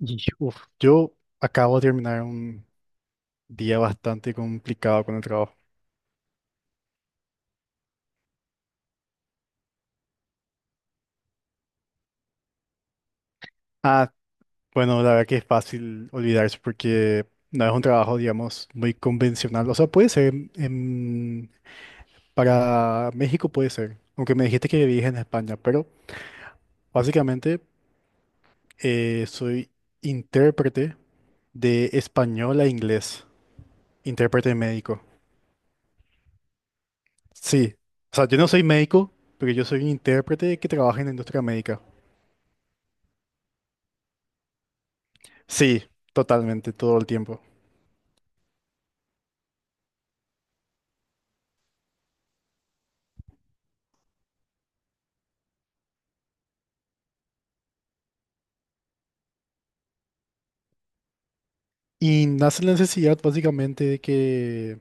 Y, uf, yo acabo de terminar un día bastante complicado con el trabajo. Ah, bueno, la verdad que es fácil olvidarse porque no es un trabajo, digamos, muy convencional. O sea, para México puede ser, aunque me dijiste que vivís en España, pero básicamente soy intérprete de español a inglés, intérprete médico. Sí, o sea, yo no soy médico, pero yo soy un intérprete que trabaja en la industria médica. Sí, totalmente, todo el tiempo. Y nace la necesidad básicamente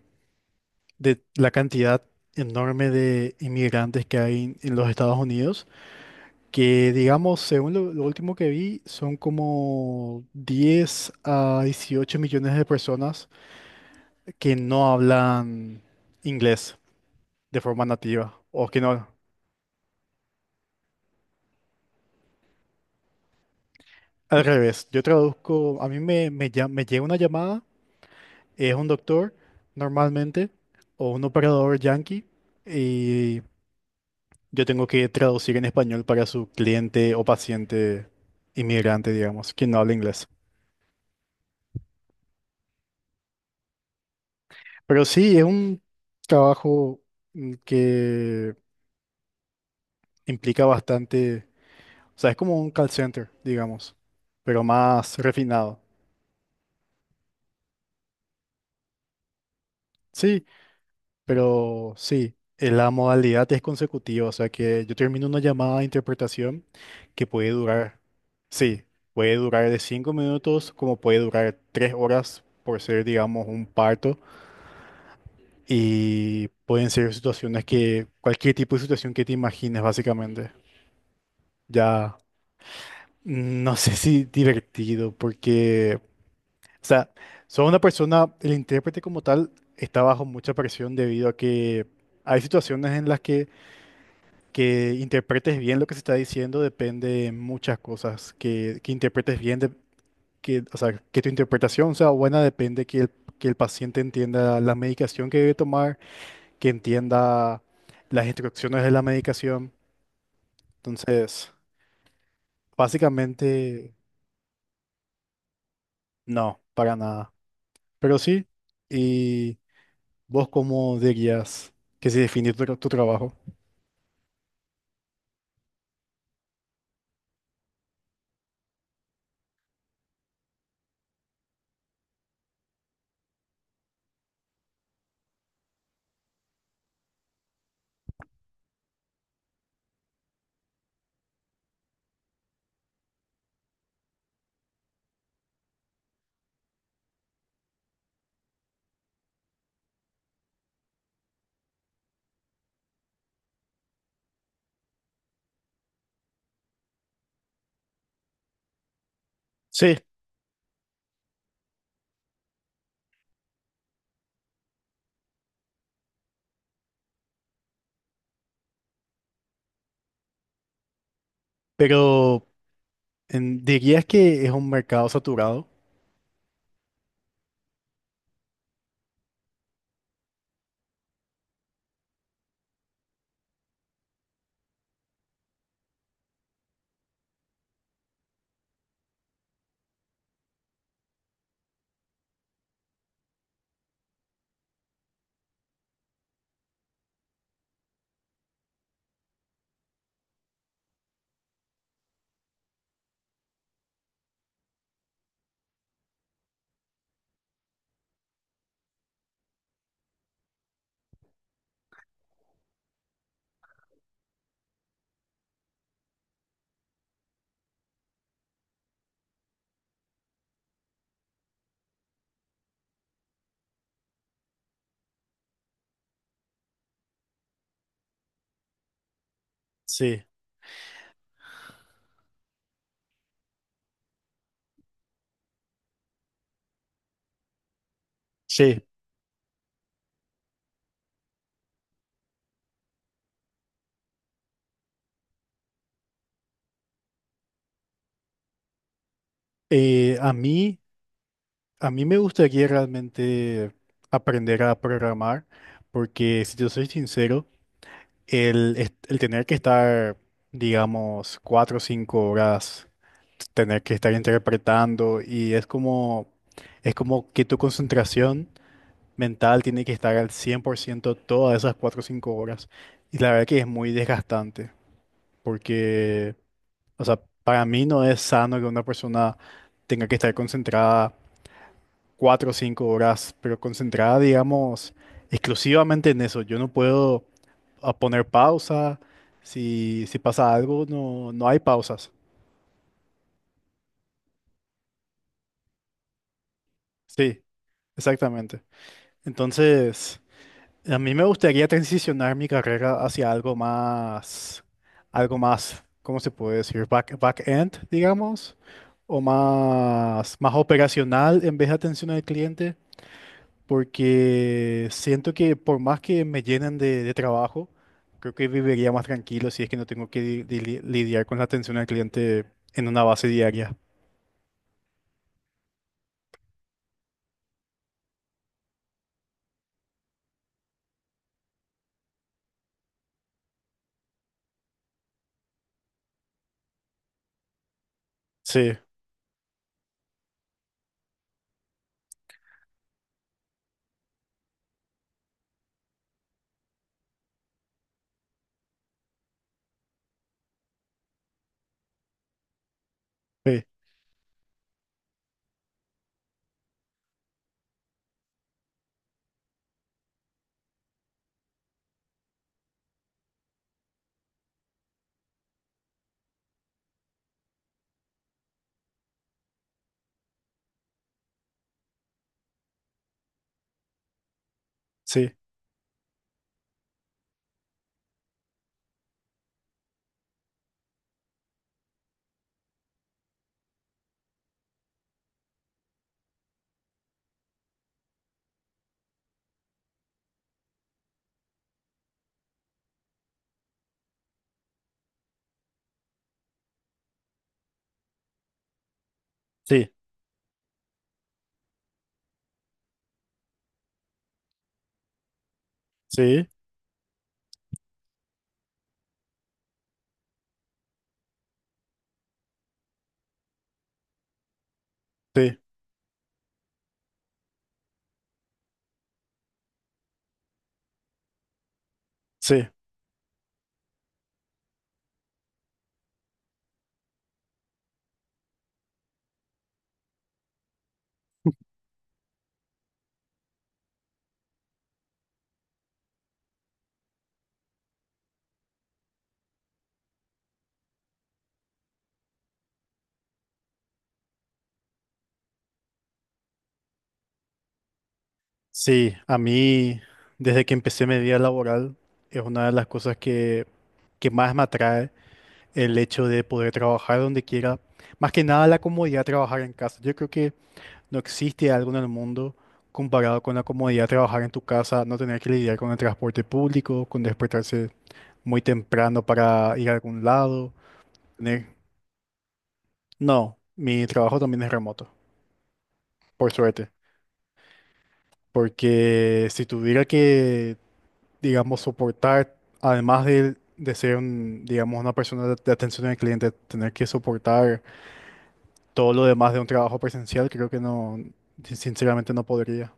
de la cantidad enorme de inmigrantes que hay en los Estados Unidos, que digamos, según lo último que vi, son como 10 a 18 millones de personas que no hablan inglés de forma nativa, o que no, al revés, yo traduzco, a mí me, me, llam- me llega una llamada, es un doctor normalmente, o un operador yankee, y yo tengo que traducir en español para su cliente o paciente inmigrante, digamos, quien no habla inglés. Pero sí, es un trabajo que implica bastante, o sea, es como un call center, digamos, pero más refinado. Sí, pero sí, la modalidad es consecutiva, o sea que yo termino una llamada de interpretación que puede durar, sí, puede durar de 5 minutos como puede durar 3 horas por ser, digamos, un parto. Y pueden ser situaciones cualquier tipo de situación que te imagines, básicamente. Ya, no sé si divertido, porque, o sea, soy una persona, el intérprete como tal está bajo mucha presión debido a que hay situaciones en las que interpretes bien lo que se está diciendo, depende de muchas cosas, que interpretes bien, que, o sea, que tu interpretación sea buena, depende que que el paciente entienda la medicación que debe tomar, que entienda las instrucciones de la medicación. Entonces, básicamente, no, para nada. Pero sí, ¿y vos cómo dirías que se define tu, tu trabajo? Sí, pero ¿dirías que es un mercado saturado? Sí, sí. Eh, a mí, a mí me gustaría realmente aprender a programar, porque si yo soy sincero, el tener que estar, digamos, cuatro o cinco horas, tener que estar interpretando y es como que tu concentración mental tiene que estar al 100% todas esas cuatro o cinco horas. Y la verdad que es muy desgastante porque, o sea, para mí no es sano que una persona tenga que estar concentrada cuatro o cinco horas, pero concentrada, digamos, exclusivamente en eso. Yo no puedo a poner pausa. Si, si pasa algo, no, no hay pausas. Sí, exactamente. Entonces, a mí me gustaría transicionar mi carrera hacia algo más, ¿cómo se puede decir? Back, back-end, digamos, o más, más operacional en vez de atención al cliente, porque siento que por más que me llenen de trabajo, creo que viviría más tranquilo si es que no tengo que lidiar con la atención al cliente en una base diaria. Sí, sí, sí, sí, sí, sí, sí, sí. A mí, desde que empecé mi vida laboral, es una de las cosas que más me atrae el hecho de poder trabajar donde quiera. Más que nada la comodidad de trabajar en casa. Yo creo que no existe algo en el mundo comparado con la comodidad de trabajar en tu casa, no tener que lidiar con el transporte público, con despertarse muy temprano para ir a algún lado. tener- No, mi trabajo también es remoto. Por suerte, porque si tuviera que, digamos, soportar, además de ser, un, digamos, una persona de atención al cliente, tener que soportar todo lo demás de un trabajo presencial, creo que no, sinceramente no podría.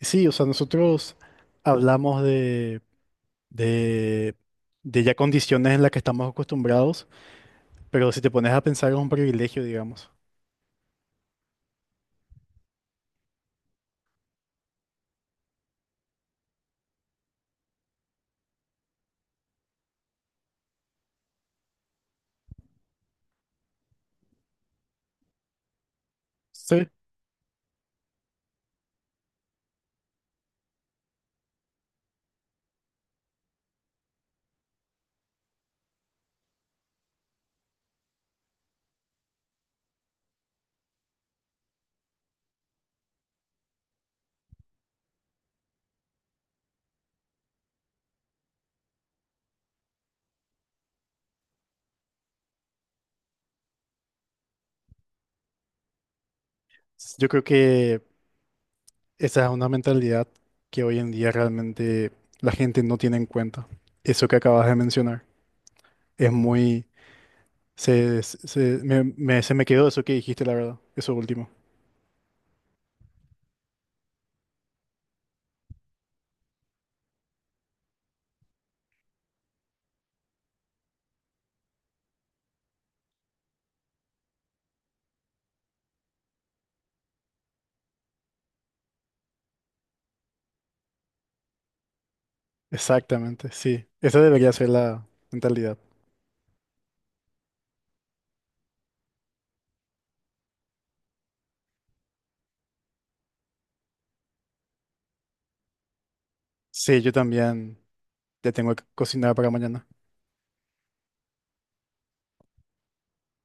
Sí, o sea, nosotros hablamos de, de ya condiciones en las que estamos acostumbrados, pero si te pones a pensar es un privilegio, digamos. Sí. Yo creo que esa es una mentalidad que hoy en día realmente la gente no tiene en cuenta. Eso que acabas de mencionar es muy... se me quedó eso que dijiste, la verdad. Eso último. Exactamente, sí. Esa debería ser la mentalidad. Sí, yo también ya tengo que cocinar para mañana.